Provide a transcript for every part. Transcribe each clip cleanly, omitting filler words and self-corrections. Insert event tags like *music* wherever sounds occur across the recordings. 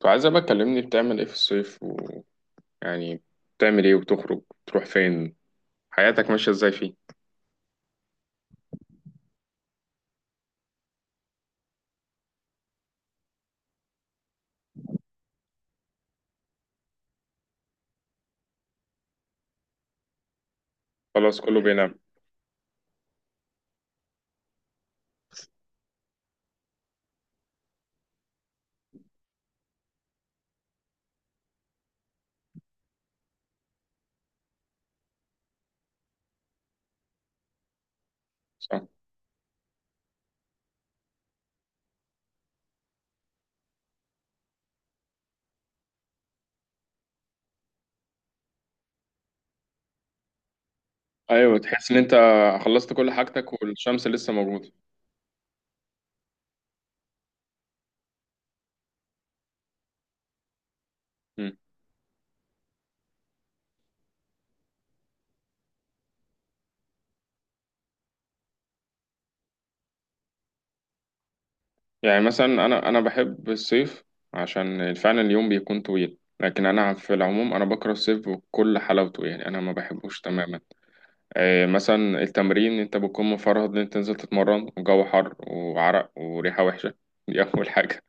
فعايزة بقى تكلمني بتعمل ايه في الصيف ويعني بتعمل ايه وبتخرج بتروح فين حياتك ماشية ازاي فيه. خلاص كله بينام. صح. ايوه، تحس ان انت خلصت كل حاجتك والشمس لسه موجودة. مم. يعني مثلا انا بحب الصيف عشان فعلا اليوم بيكون طويل، لكن انا في العموم انا بكره الصيف بكل حلاوته، يعني انا ما بحبوش تماما. إيه مثلا التمرين، انت بتكون مفرهد ان انت تنزل تتمرن وجو حر وعرق وريحة وحشة، دي اول حاجة.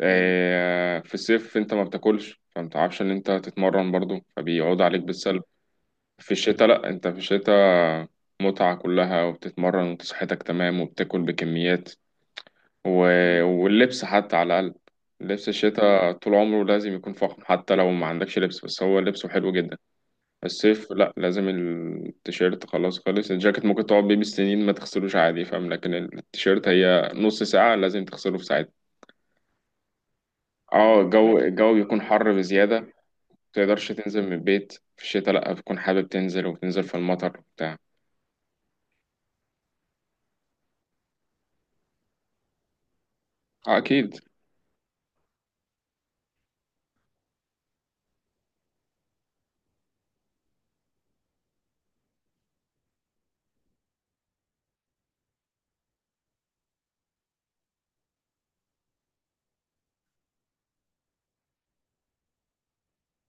في الصيف انت ما بتاكلش فما بتعرفش ان انت تتمرن برضو، فبيعود عليك بالسلب. في الشتاء لا، انت في الشتاء متعة كلها وبتتمرن وصحتك تمام وبتاكل بكميات و... واللبس حتى على الأقل، لبس الشتاء طول عمره لازم يكون فخم حتى لو ما عندكش لبس، بس هو لبسه حلو جدا. الصيف لا، لازم التيشيرت، خلاص خلص. الجاكيت ممكن تقعد بيه بالسنين ما تغسلوش عادي فاهم، لكن التيشيرت هي نص ساعة لازم تغسله في ساعتها. اه الجو بيكون حر بزيادة، متقدرش تنزل من البيت. في الشتاء لأ، بتكون حابب تنزل وبتنزل في المطر وبتاع. اه أكيد.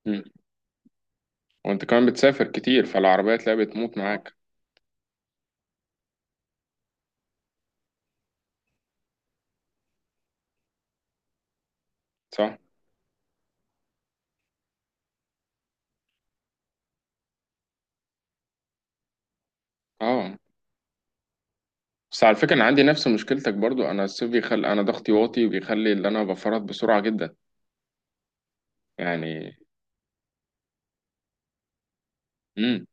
مم. وأنت كمان بتسافر كتير فالعربية تلاقيها بتموت معاك. صح؟ اه، بس على فكرة أنا عندي نفس مشكلتك برضو. أنا الصيف بيخلي أنا ضغطي واطي، بيخلي اللي أنا بفرط بسرعة جدا يعني. مم.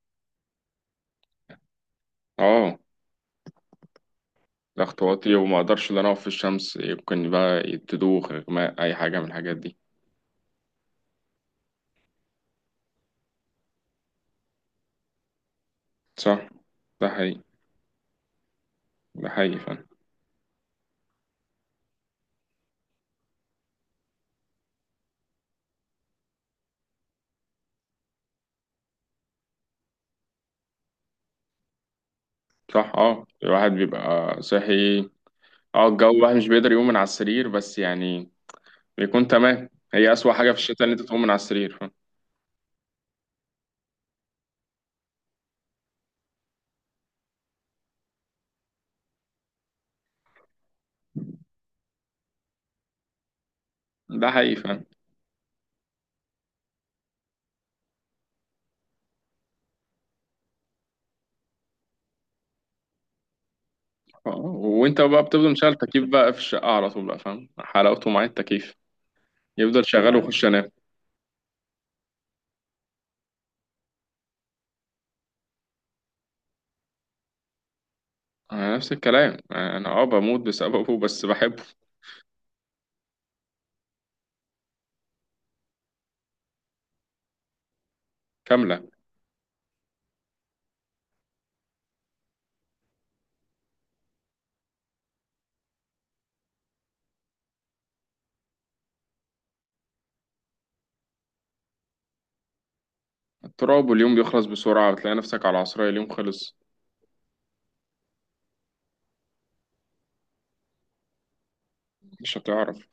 اه، ضغط واطي وما أقدرش إن أنا أقف في الشمس، يمكن بقى تدوخ، إغماء، أي حاجة من الحاجات دي. صح؟ ده حقيقي. ده حقيقي فعلا. صح، اه الواحد بيبقى صاحي. اه الجو الواحد مش بيقدر يقوم من على السرير، بس يعني بيكون تمام. هي أسوأ حاجة في الشتاء إن أنت تقوم من على السرير فاهم. ده حقيقي فاهم. اه، وأنت بقى بتفضل مشغل تكييف بقى في الشقة على طول بقى، فاهم حلاوته مع التكييف، يفضل شغال وأخش أنام. اه، نفس الكلام، أنا أه بموت بسببه بس بحبه. كاملة. التراب، واليوم بيخلص بسرعة، بتلاقي نفسك على العصرية اليوم خلص، مش هتعرف.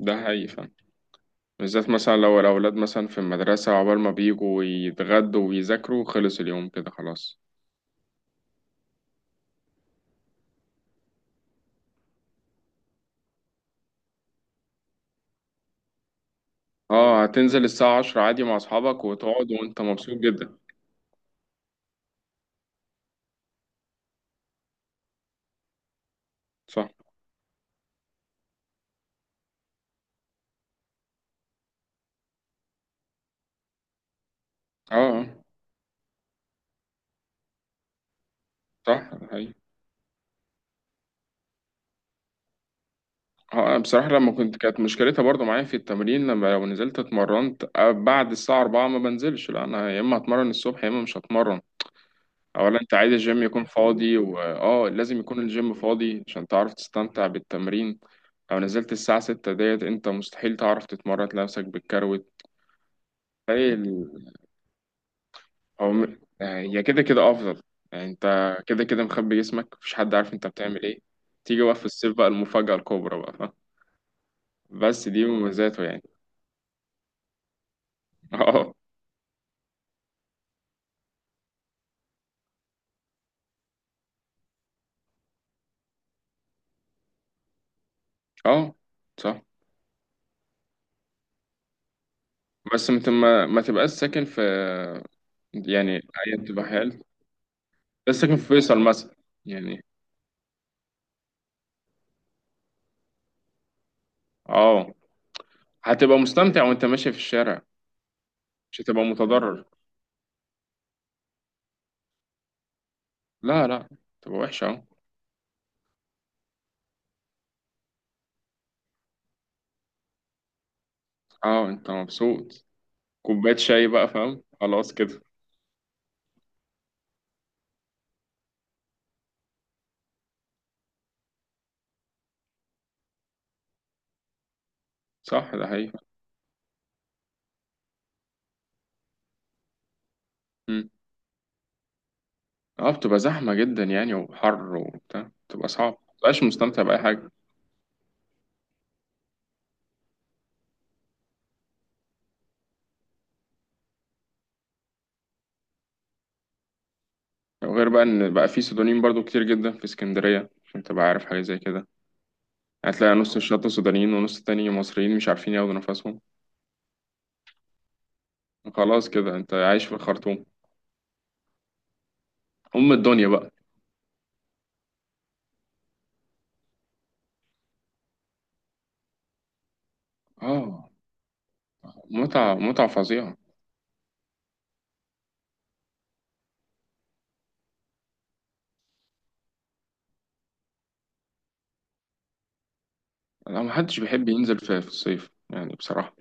ده حقيقي فاهم. بالذات مثلا لو الأولاد مثلا في المدرسة، عقبال ما بيجوا يتغدوا ويذاكروا خلص اليوم كده خلاص. اه، هتنزل الساعة 10 عادي مع أصحابك وتقعد وأنت مبسوط جدا. صح. اه. صح. هي اه. أنا بصراحة لما كنت، كانت مشكلتها برضو معايا في التمرين، لما لو نزلت اتمرنت بعد الساعة 4 ما بنزلش، لا أنا يا إما هتمرن الصبح يا إما مش هتمرن. أولا أنت عايز الجيم يكون فاضي، وآه لازم يكون الجيم فاضي عشان تعرف تستمتع بالتمرين. لو نزلت الساعة 6 ديت أنت مستحيل تعرف تتمرن، تلاقي نفسك بالكروت. أو م- آه، هي كده كده أفضل، يعني أنت كده كده مخبي جسمك مفيش حد عارف أنت بتعمل إيه. تيجي بقى في الصيف بقى المفاجأة الكبرى بقى، فاهم؟ بس دي مميزاته يعني. *laughs* أه. أه. صح. بس أنت ما تبقاش ساكن في، يعني أيا تبقى حال، بس ساكن في فيصل مثلا يعني. أه، هتبقى مستمتع وأنت ماشي في الشارع، مش هتبقى متضرر. لا لا، تبقى وحشة أه. أه أنت مبسوط، كوباية شاي بقى فاهم، خلاص كده. صح، ده حقيقي. اه بتبقى زحمة جدا يعني، وحر وبتاع، بتبقى صعب مبقاش مستمتع بأي حاجة. وغير بقى إن بقى في سودانيين برضو كتير جدا في اسكندرية، عشان تبقى عارف حاجة زي كده. هتلاقي نص الشط سودانيين ونص التاني مصريين مش عارفين ياخدوا نفسهم. خلاص كده انت عايش في الخرطوم، أم الدنيا بقى. اه، متعة متعة فظيعة. لا، محدش بيحب ينزل في الصيف يعني بصراحة.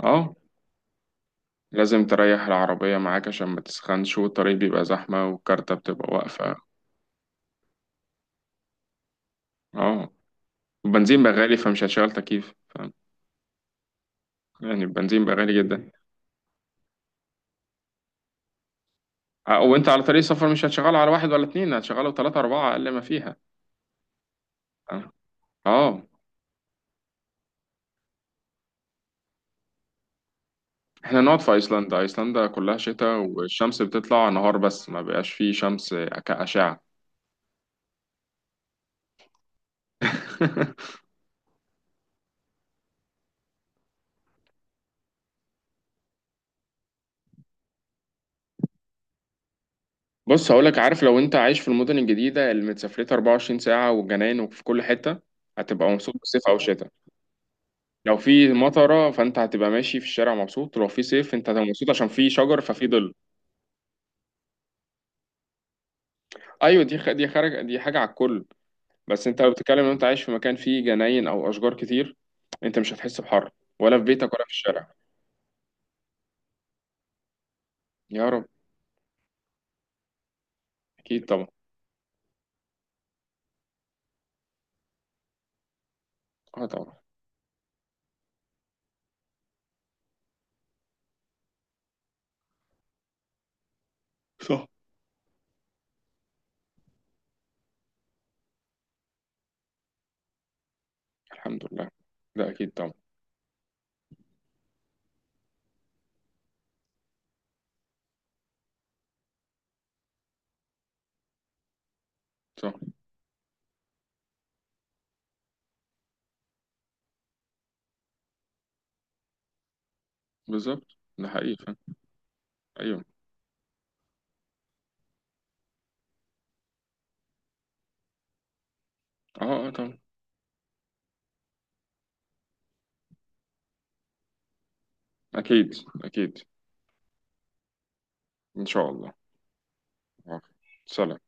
اه، لازم تريح العربية معاك عشان ما تسخنش، والطريق بيبقى زحمة والكارتة بتبقى واقفة. اه، البنزين بقى غالي فمش هتشغل تكييف، يعني البنزين بقى غالي جدا. وانت على طريق السفر مش هتشغله على واحد ولا اتنين، هتشغله تلاتة أربعة أقل ما فيها. اه آه. احنا نقعد في أيسلندا، أيسلندا كلها شتاء والشمس بتطلع نهار بس ما بقاش فيه شمس كأشعة. *laughs* بص هقولك، عارف لو انت عايش في المدن الجديدة اللي متسافرتها 24 ساعة والجناين وفي كل حتة، هتبقى مبسوط بالصيف أو الشتاء. لو في مطرة فانت هتبقى ماشي في الشارع مبسوط، ولو في صيف انت هتبقى مبسوط عشان في شجر ففي ظل. ايوه دي خارج، دي حاجة على الكل. بس انت لو بتتكلم ان انت عايش في مكان فيه جناين او اشجار كتير، انت مش هتحس بحر ولا في بيتك ولا في الشارع. يا رب. اكيد طبعا. اه طبعا. صح. الحمد لله. ده اكيد طبعا. صح. بالظبط ده حقيقي فعلا. ايوه. اه اه طبعا. اكيد. اكيد. ان شاء الله. آه. سلام.